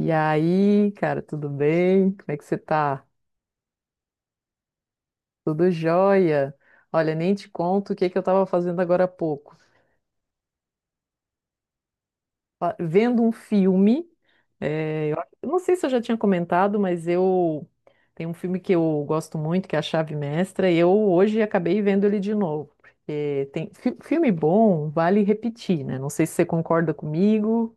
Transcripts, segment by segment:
E aí, cara, tudo bem? Como é que você tá? Tudo jóia? Olha, nem te conto o que que eu tava fazendo agora há pouco. Vendo um filme, eu não sei se eu já tinha comentado, mas eu tem um filme que eu gosto muito, que é A Chave Mestra, e eu hoje acabei vendo ele de novo. Porque tem filme bom, vale repetir, né? Não sei se você concorda comigo.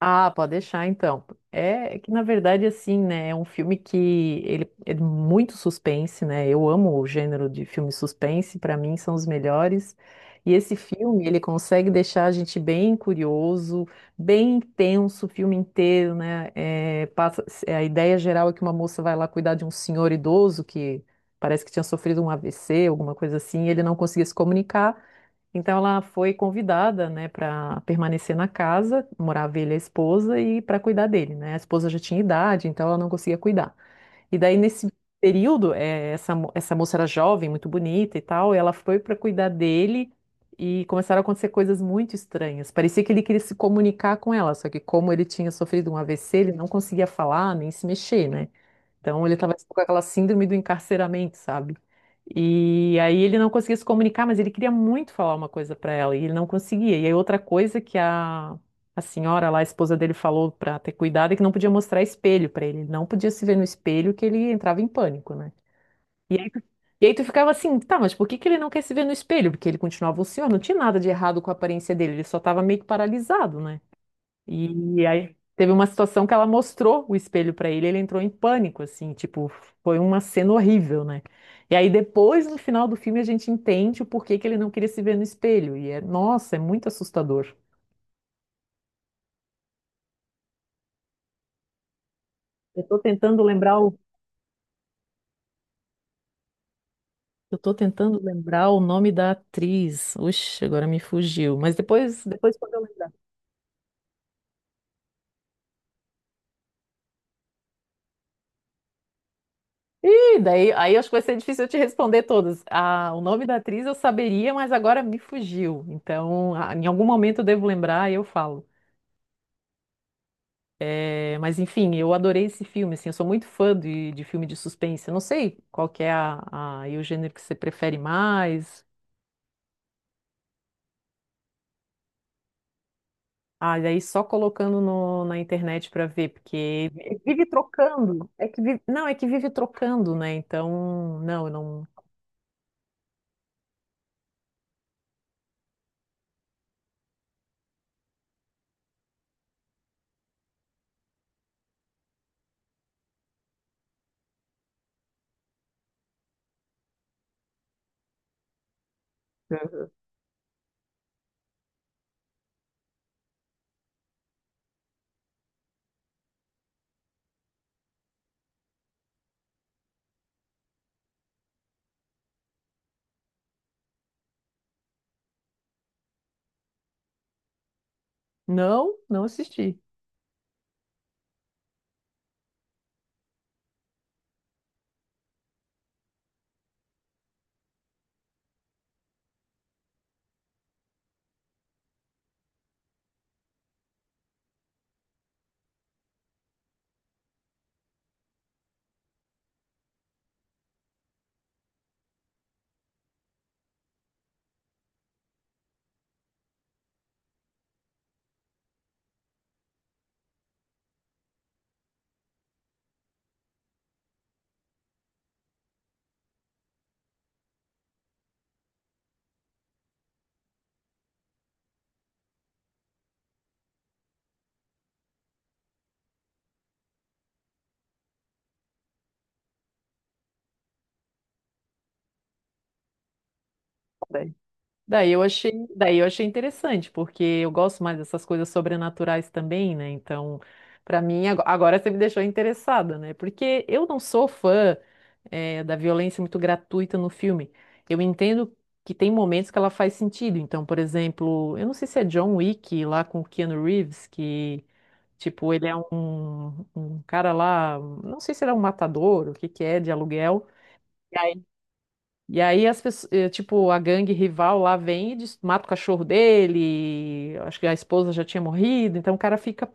Ah, pode deixar então. É que na verdade assim, né, é um filme que ele é muito suspense, né? Eu amo o gênero de filme suspense, para mim são os melhores. E esse filme, ele consegue deixar a gente bem curioso, bem intenso o filme inteiro, né? É, passa, a ideia geral é que uma moça vai lá cuidar de um senhor idoso que parece que tinha sofrido um AVC, alguma coisa assim, e ele não conseguia se comunicar. Então ela foi convidada, né, para permanecer na casa, morava ele e a esposa e para cuidar dele, né? A esposa já tinha idade, então ela não conseguia cuidar. E daí nesse período, essa moça era jovem, muito bonita e tal, e ela foi para cuidar dele e começaram a acontecer coisas muito estranhas. Parecia que ele queria se comunicar com ela, só que como ele tinha sofrido um AVC, ele não conseguia falar nem se mexer, né? Então ele estava com aquela síndrome do encarceramento, sabe? E aí ele não conseguia se comunicar, mas ele queria muito falar uma coisa para ela e ele não conseguia. E aí outra coisa a senhora lá, a esposa dele, falou para ter cuidado é que não podia mostrar espelho para ele. Ele não podia se ver no espelho que ele entrava em pânico, né? E aí, tu- e aí tu ficava assim, tá, mas por que que ele não quer se ver no espelho? Porque ele continuava o senhor, não tinha nada de errado com a aparência dele, ele só estava meio que paralisado, né? E aí teve uma situação que ela mostrou o espelho pra ele, ele entrou em pânico, assim, tipo, foi uma cena horrível, né? E aí depois, no final do filme, a gente entende o porquê que ele não queria se ver no espelho. E é, nossa, é muito assustador. Eu tô tentando lembrar o, eu tô tentando lembrar o nome da atriz. Oxe, agora me fugiu. Mas depois, depois quando eu lembrar. Ih, aí acho que vai ser difícil eu te responder todas. Ah, o nome da atriz eu saberia, mas agora me fugiu. Então, ah, em algum momento eu devo lembrar e eu falo. É, mas enfim, eu adorei esse filme, assim, eu sou muito fã de filme de suspense. Eu não sei qual que é o gênero que você prefere mais. Ah, e aí só colocando na internet pra ver, porque vive trocando. É que não, é que vive trocando, né? Então, não, eu não, Uhum. Não, não assisti. Daí eu achei interessante, porque eu gosto mais dessas coisas sobrenaturais também, né? Então, pra mim, agora você me deixou interessada, né? Porque eu não sou fã, da violência muito gratuita no filme. Eu entendo que tem momentos que ela faz sentido. Então, por exemplo, eu não sei se é John Wick lá com o Keanu Reeves, que, tipo, ele é um cara lá, não sei se ele é um matador, o que que é, de aluguel. E aí as pessoas, tipo, a gangue rival lá vem e mata o cachorro dele, acho que a esposa já tinha morrido, então o cara fica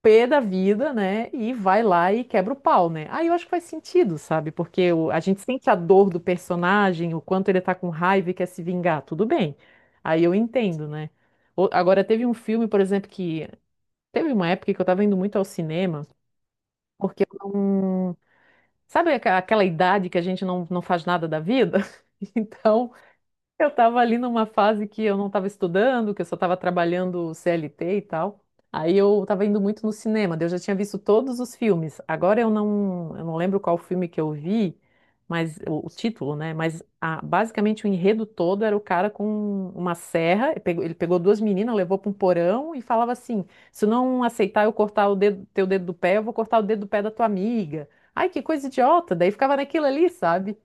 pé da vida, né? E vai lá e quebra o pau, né? Aí eu acho que faz sentido, sabe? Porque a gente sente a dor do personagem, o quanto ele tá com raiva e quer se vingar, tudo bem. Aí eu entendo, né? Agora teve um filme, por exemplo, que teve uma época que eu tava indo muito ao cinema, porque eu não... Sabe aquela idade que a gente não faz nada da vida? Então, eu estava ali numa fase que eu não estava estudando, que eu só estava trabalhando CLT e tal. Aí eu estava indo muito no cinema, daí eu já tinha visto todos os filmes. Agora eu não lembro qual filme que eu vi, mas o título, né? Mas basicamente o enredo todo era o cara com uma serra, ele pegou duas meninas, levou para um porão e falava assim: se não aceitar eu cortar o dedo, teu dedo do pé, eu vou cortar o dedo do pé da tua amiga. Ai, que coisa idiota! Daí ficava naquilo ali, sabe?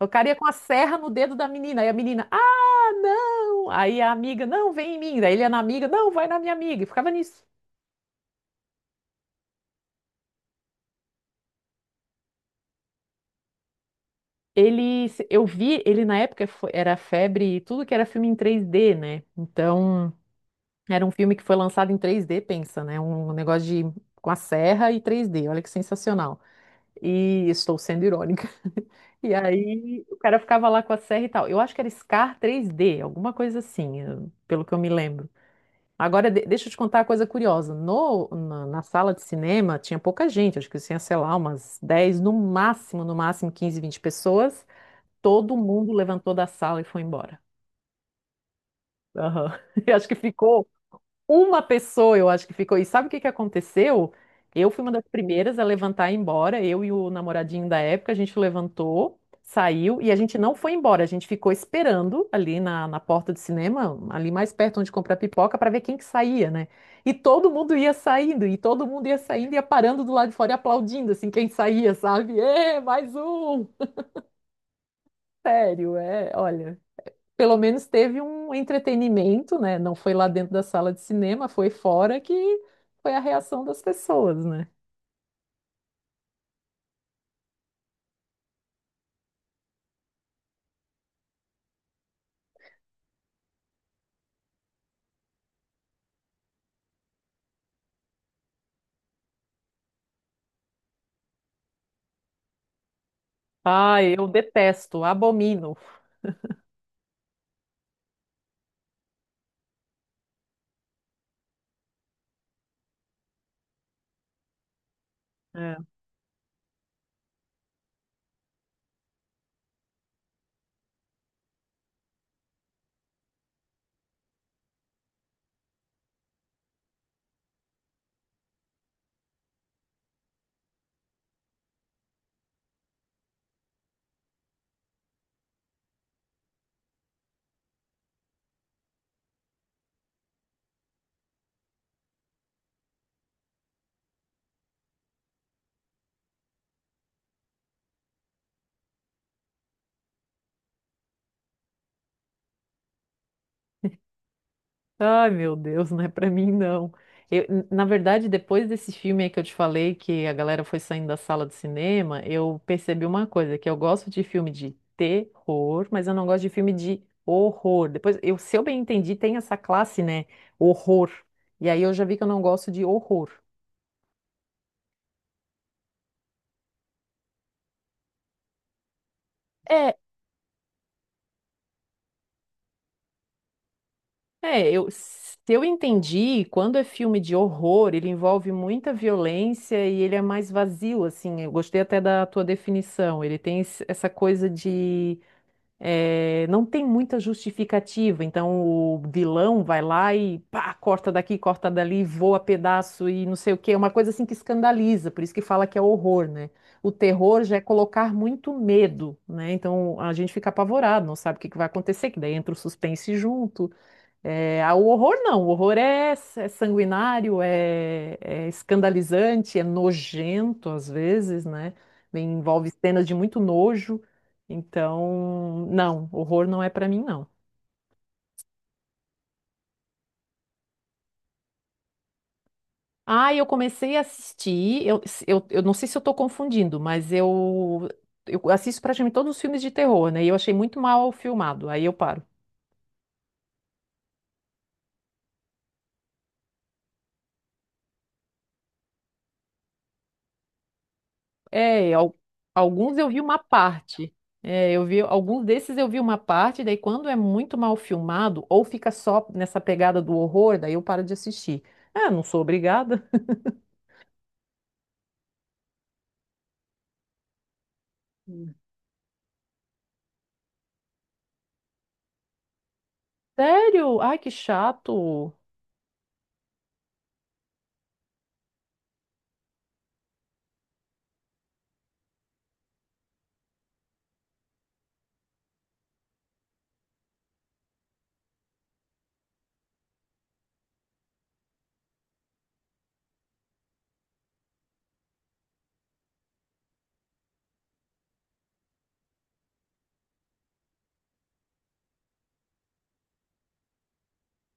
O cara ia com a serra no dedo da menina, aí a menina, ah, não! Aí a amiga, não, vem em mim. Daí ele ia na amiga, não, vai na minha amiga. E ficava nisso. Ele, eu vi, ele na época era febre, e tudo que era filme em 3D, né? Então, era um filme que foi lançado em 3D, pensa, né? Um negócio de, com a serra e 3D, olha que sensacional. E estou sendo irônica. E aí o cara ficava lá com a serra e tal. Eu acho que era Scar 3D, alguma coisa assim, pelo que eu me lembro. Agora, deixa eu te contar uma coisa curiosa. No, na, na sala de cinema tinha pouca gente, acho que tinha, sei lá, umas 10 no máximo, no máximo 15, 20 pessoas. Todo mundo levantou da sala e foi embora. Aham. Eu acho que ficou eu acho que ficou. E sabe o que que aconteceu? Eu fui uma das primeiras a levantar e ir embora. Eu e o namoradinho da época, a gente levantou, saiu e a gente não foi embora. A gente ficou esperando ali na porta do cinema, ali mais perto onde comprar pipoca, para ver quem que saía, né? E todo mundo ia saindo, ia parando do lado de fora e aplaudindo, assim, quem saía, sabe? Ê, mais um! Sério, é, olha pelo menos teve um entretenimento, né? Não foi lá dentro da sala de cinema, foi fora que foi a reação das pessoas, né? Ai, eu detesto, abomino. É. Ai, meu Deus, não é pra mim, não. Eu, na verdade, depois desse filme aí que eu te falei, que a galera foi saindo da sala de cinema, eu percebi uma coisa, que eu gosto de filme de terror, mas eu não gosto de filme de horror. Depois, eu, se eu bem entendi, tem essa classe, né? Horror. E aí eu já vi que eu não gosto de horror. É. É, eu, se eu entendi, quando é filme de horror, ele envolve muita violência e ele é mais vazio, assim. Eu gostei até da tua definição. Ele tem essa coisa de não tem muita justificativa. Então o vilão vai lá e pá, corta daqui, corta dali, voa pedaço e não sei o quê. É uma coisa assim que escandaliza, por isso que fala que é horror, né? O terror já é colocar muito medo, né? Então a gente fica apavorado, não sabe o que que vai acontecer, que daí entra o suspense junto. É, ah, o horror não, é sanguinário, é escandalizante, é nojento às vezes, né? Envolve cenas de muito nojo. Então, não, horror não é pra mim, não. Ah, eu comecei a assistir, eu não sei se eu tô confundindo, mas eu assisto praticamente todos os filmes de terror, né? E eu achei muito mal filmado, aí eu paro. É, alguns eu vi uma parte. É, eu vi alguns desses eu vi uma parte, daí quando é muito mal filmado ou fica só nessa pegada do horror, daí eu paro de assistir. Ah, não sou obrigada. Hum. Sério? Ai, que chato.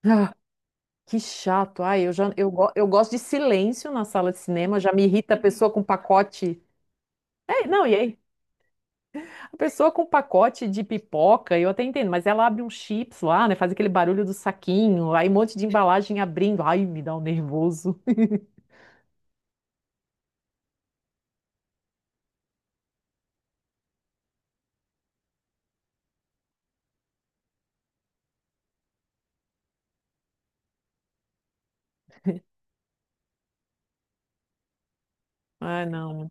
Ah, que chato. Ai, eu já eu, go- eu gosto de silêncio na sala de cinema, já me irrita a pessoa com pacote. É, não, e aí a pessoa com pacote de pipoca, eu até entendo, mas ela abre um chips lá, né? Faz aquele barulho do saquinho, aí um monte de embalagem abrindo. Ai, me dá um nervoso. Ah, não.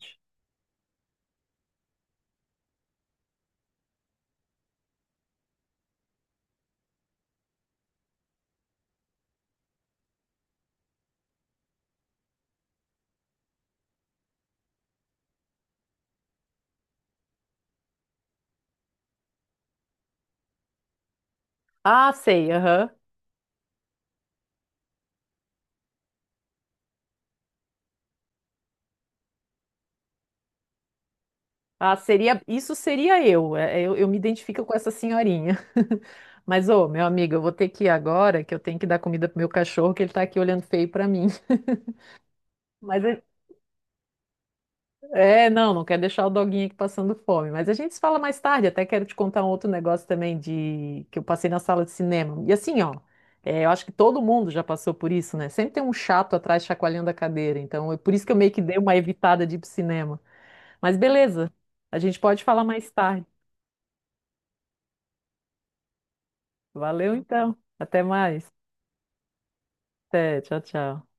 Ah, sei, aham. Isso seria eu. Eu me identifico com essa senhorinha. Mas, ô, meu amigo, eu vou ter que ir agora, que eu tenho que dar comida pro meu cachorro, que ele tá aqui olhando feio pra mim. Mas, É, não, não quer deixar o doguinho aqui passando fome. Mas a gente se fala mais tarde. Até quero te contar um outro negócio também de que eu passei na sala de cinema. E assim, ó, é, eu acho que todo mundo já passou por isso, né? Sempre tem um chato atrás chacoalhando a cadeira. Então, é por isso que eu meio que dei uma evitada de ir pro cinema. Mas beleza, a gente pode falar mais tarde. Valeu então. Até mais. Até, tchau, tchau.